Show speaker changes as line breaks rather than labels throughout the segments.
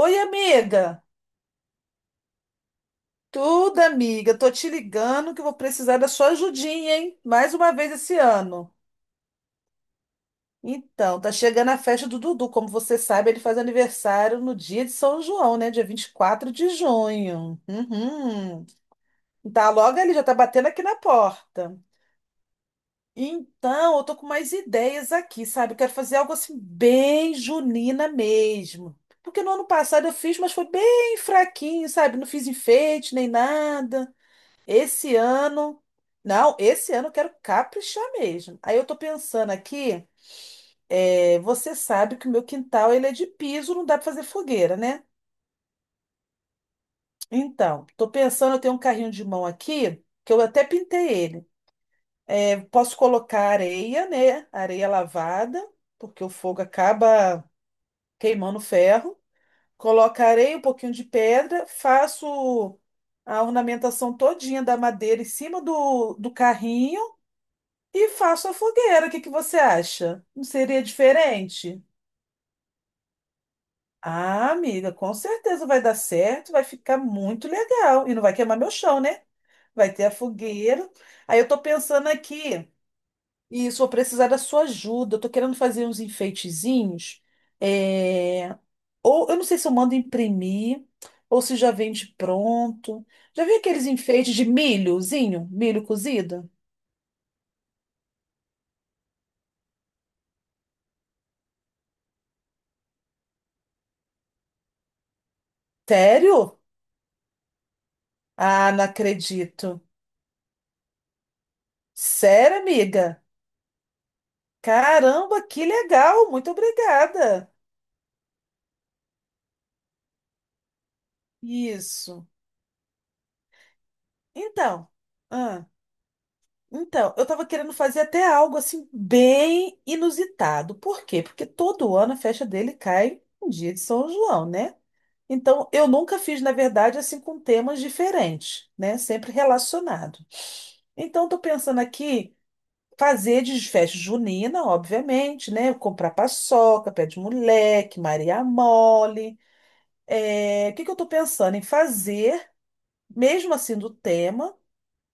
Oi, amiga. Tudo, amiga. Tô te ligando que eu vou precisar da sua ajudinha, hein? Mais uma vez esse ano. Então, tá chegando a festa do Dudu. Como você sabe, ele faz aniversário no dia de São João, né? Dia 24 de junho. Uhum. Tá logo ali, já tá batendo aqui na porta. Então, eu tô com mais ideias aqui, sabe? Eu quero fazer algo assim bem junina mesmo. Porque no ano passado eu fiz, mas foi bem fraquinho, sabe? Não fiz enfeite nem nada. Esse ano. Não, esse ano eu quero caprichar mesmo. Aí eu tô pensando aqui, você sabe que o meu quintal ele é de piso, não dá pra fazer fogueira, né? Então, tô pensando, eu tenho um carrinho de mão aqui, que eu até pintei ele. É, posso colocar areia, né? Areia lavada, porque o fogo acaba queimando o ferro. Coloco areia, um pouquinho de pedra, faço a ornamentação todinha da madeira em cima do carrinho. E faço a fogueira, o que que você acha? Não seria diferente? Ah, amiga, com certeza vai dar certo, vai ficar muito legal. E não vai queimar meu chão, né? Vai ter a fogueira. Aí eu tô pensando aqui, e isso vou precisar da sua ajuda. Eu tô querendo fazer uns enfeitezinhos. é, Ou eu não sei se eu mando imprimir, ou se já vende pronto. Já vi aqueles enfeites de milhozinho, milho cozido? Sério? Ah, não acredito. Sério, amiga? Caramba, que legal! Muito obrigada. Isso. Então, ah, então, eu tava querendo fazer até algo assim bem inusitado. Por quê? Porque todo ano a festa dele cai um dia de São João, né? Então, eu nunca fiz, na verdade, assim com temas diferentes, né? Sempre relacionado. Então, tô pensando aqui fazer de festa junina, obviamente, né? Comprar paçoca, pé de moleque, Maria mole. É, o que que eu estou pensando em fazer? Mesmo assim do tema,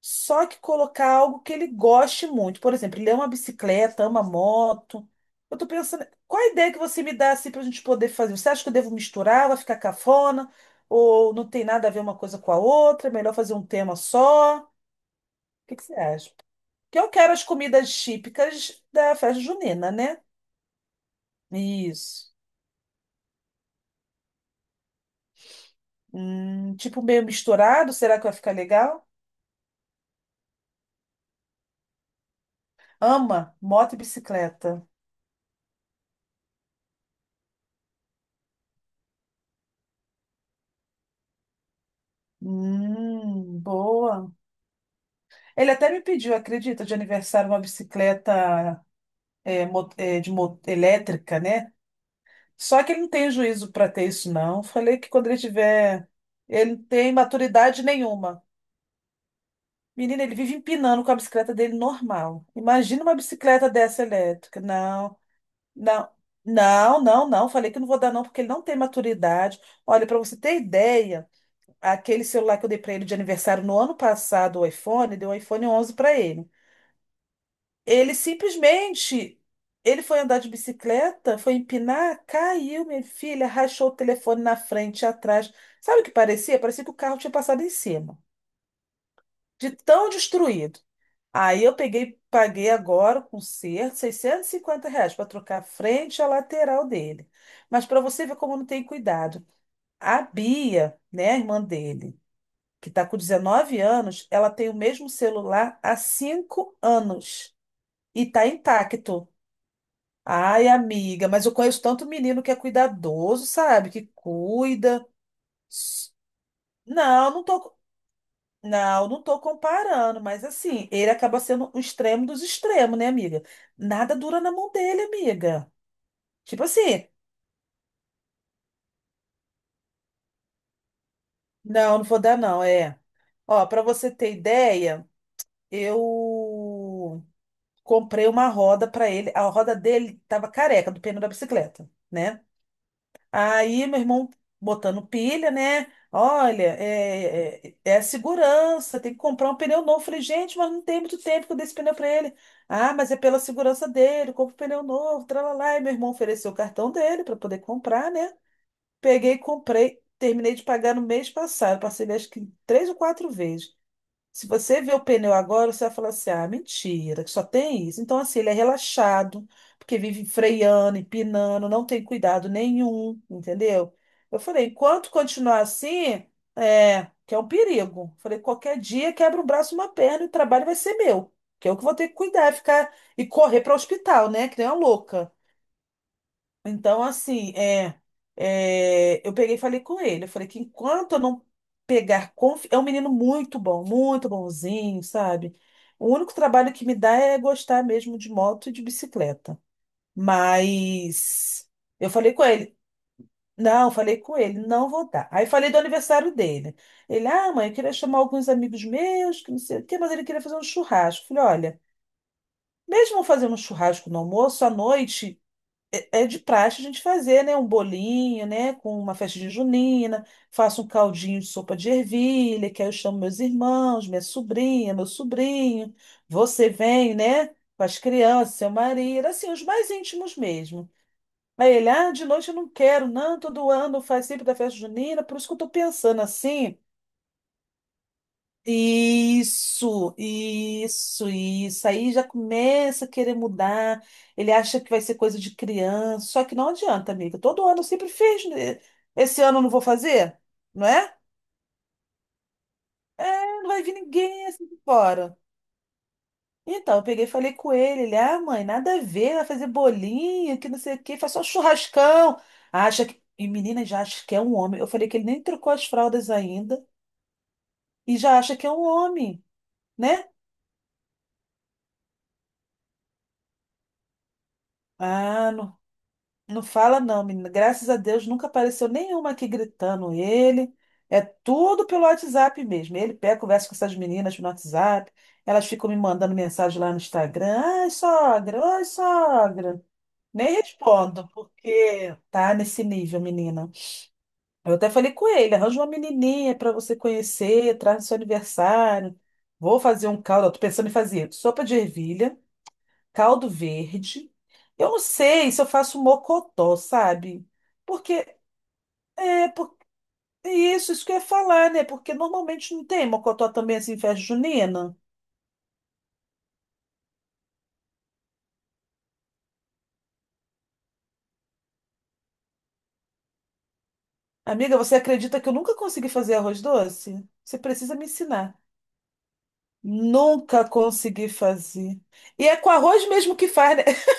só que colocar algo que ele goste muito. Por exemplo, ele ama bicicleta, ama moto. Eu tô pensando, qual a ideia que você me dá assim para a gente poder fazer? Você acha que eu devo misturar, vai ficar cafona? Ou não tem nada a ver uma coisa com a outra? É melhor fazer um tema só? O que que você acha? Porque eu quero as comidas típicas da festa junina, né? Isso. Tipo meio misturado, será que vai ficar legal? Ama moto e bicicleta. Boa. Ele até me pediu, acredita, de aniversário uma bicicleta elétrica, né? Só que ele não tem juízo para ter isso, não. Falei que quando ele tiver. Ele não tem maturidade nenhuma. Menina, ele vive empinando com a bicicleta dele normal. Imagina uma bicicleta dessa elétrica. Não, não, não, não, não. Falei que não vou dar, não, porque ele não tem maturidade. Olha, para você ter ideia, aquele celular que eu dei para ele de aniversário no ano passado, o iPhone, deu um iPhone 11 para ele. Ele simplesmente, ele foi andar de bicicleta, foi empinar, caiu, minha filha, rachou o telefone na frente e atrás. Sabe o que parecia? Parecia que o carro tinha passado em cima, de tão destruído. Aí eu peguei, paguei agora com conserto, R$ 650 para trocar a frente e a lateral dele. Mas para você ver como não tem cuidado. A Bia, né, a irmã dele, que está com 19 anos, ela tem o mesmo celular há 5 anos e está intacto. Ai, amiga, mas eu conheço tanto menino que é cuidadoso, sabe? Que cuida. S- Não, não tô, não, não tô comparando, mas assim, ele acaba sendo o extremo dos extremos, né, amiga? Nada dura na mão dele, amiga. Tipo assim, não, não vou dar, não, é. Ó, pra você ter ideia, eu comprei uma roda pra ele. A roda dele tava careca do pneu da bicicleta, né? Aí meu irmão botando pilha, né? Olha, é a segurança, tem que comprar um pneu novo. Falei, gente, mas não tem muito tempo que eu dei esse pneu para ele. Ah, mas é pela segurança dele, compra um pneu novo, tralalá. E meu irmão ofereceu o cartão dele para poder comprar, né? Peguei e comprei, terminei de pagar no mês passado, parcelei acho que 3 ou 4 vezes. Se você vê o pneu agora, você vai falar assim: ah, mentira, que só tem isso. Então, assim, ele é relaxado, porque vive freando, empinando, não tem cuidado nenhum, entendeu? Eu falei: enquanto continuar assim, que é um perigo. Falei: qualquer dia quebra um braço, uma perna e o trabalho vai ser meu, que eu que vou ter que cuidar, ficar e correr para o hospital, né? Que nem uma louca. Então, assim, eu peguei e falei com ele. Eu falei que enquanto eu não pegar confi... É um menino muito bom, muito bonzinho, sabe? O único trabalho que me dá é gostar mesmo de moto e de bicicleta. Mas eu falei com ele. Não, falei com ele, não vou dar. Aí falei do aniversário dele. Ele, ah, mãe, eu queria chamar alguns amigos meus, que não sei o quê, mas ele queria fazer um churrasco. Eu falei, olha, mesmo fazendo um churrasco no almoço, à noite. É de praxe a gente fazer, né, um bolinho, né, com uma festinha junina, faço um caldinho de sopa de ervilha, que aí eu chamo meus irmãos, minha sobrinha, meu sobrinho, você vem, né, com as crianças, seu marido, assim, os mais íntimos mesmo. Aí ele, ah, de noite eu não quero, não, todo ano faz sempre da festa junina, por isso que eu tô pensando assim, isso, isso, isso. Aí já começa a querer mudar. Ele acha que vai ser coisa de criança. Só que não adianta, amiga. Todo ano eu sempre fiz, né? Esse ano eu não vou fazer, não é? Não vai vir ninguém assim de fora. Então, eu peguei e falei com ele. Ele, ah, mãe, nada a ver, vai fazer bolinho, que não sei o quê, faz só churrascão. Acha que. E menina já acha que é um homem. Eu falei que ele nem trocou as fraldas ainda e já acha que é um homem, né? Ah, não Não fala não, menina. Graças a Deus nunca apareceu nenhuma aqui gritando ele. É tudo pelo WhatsApp mesmo. Ele pega, conversa com essas meninas no WhatsApp. Elas ficam me mandando mensagem lá no Instagram. Ai, sogra, oi, sogra. Nem respondo, porque tá nesse nível, menina. Eu até falei com ele, arranja uma menininha para você conhecer, traz no seu aniversário. Vou fazer um caldo, ó, tô pensando em fazer sopa de ervilha, caldo verde. Eu não sei se eu faço mocotó, sabe? Porque é, por, é isso, isso que eu ia falar, né? Porque normalmente não tem mocotó também assim em festa junina. Amiga, você acredita que eu nunca consegui fazer arroz doce? Você precisa me ensinar. Nunca consegui fazer. E é com arroz mesmo que faz, né?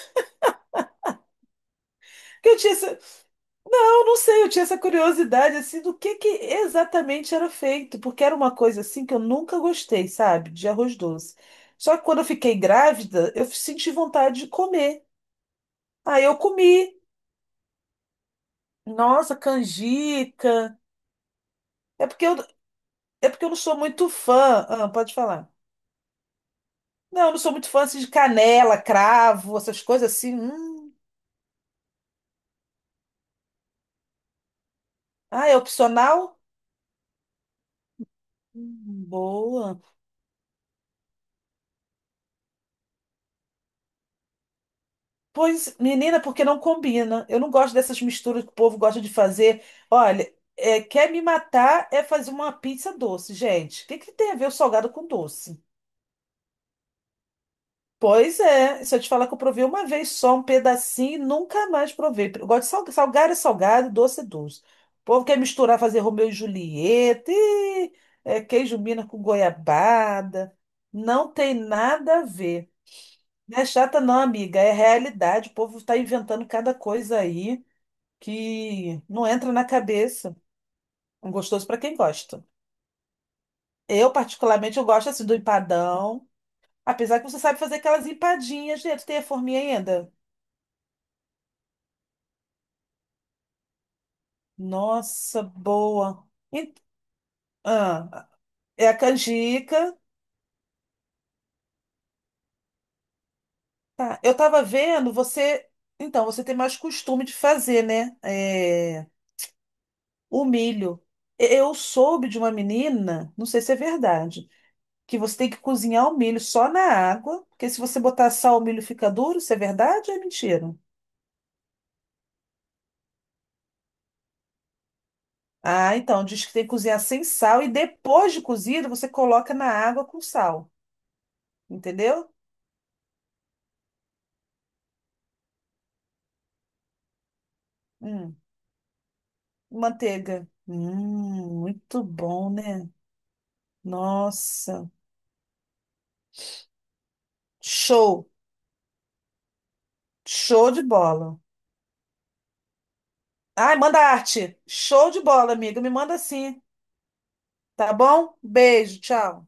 Que eu tinha. Eu não sei, eu tinha essa curiosidade assim do que exatamente era feito, porque era uma coisa assim que eu nunca gostei, sabe, de arroz doce. Só que quando eu fiquei grávida, eu senti vontade de comer. Aí eu comi. Nossa, canjica. É porque eu, é porque eu não sou muito fã. Ah, pode falar. Não, eu não sou muito fã assim, de canela, cravo, essas coisas assim. Hum. Ah, é opcional? Boa. Pois, menina, porque não combina. Eu não gosto dessas misturas que o povo gosta de fazer. Olha, quer me matar é fazer uma pizza doce, gente. O que que tem a ver o salgado com doce? Pois é, se eu te falar que eu provei uma vez só um pedacinho, e nunca mais provei. Eu gosto de salgado, é salgado, doce é doce. O povo quer misturar, fazer Romeu e Julieta, e, queijo mina com goiabada. Não tem nada a ver. Não é chata, não, amiga. É realidade. O povo está inventando cada coisa aí, que não entra na cabeça. Um gostoso para quem gosta. Eu, particularmente, eu gosto assim do empadão, apesar que você sabe fazer aquelas empadinhas, né? Tu tem a forminha ainda? Nossa, boa. Ah, É a canjica. Tá. Eu tava vendo, você. Então, você tem mais costume de fazer, né? É, o milho. Eu soube de uma menina, não sei se é verdade que você tem que cozinhar o milho só na água, porque se você botar sal, o milho fica duro. Isso é verdade ou é mentira? Ah, então, diz que tem que cozinhar sem sal e depois de cozido você coloca na água com sal, entendeu? Hum. Manteiga. Muito bom, né? Nossa, show, show de bola. Ai, manda arte. Show de bola, amiga. Me manda sim, tá bom? Beijo, tchau.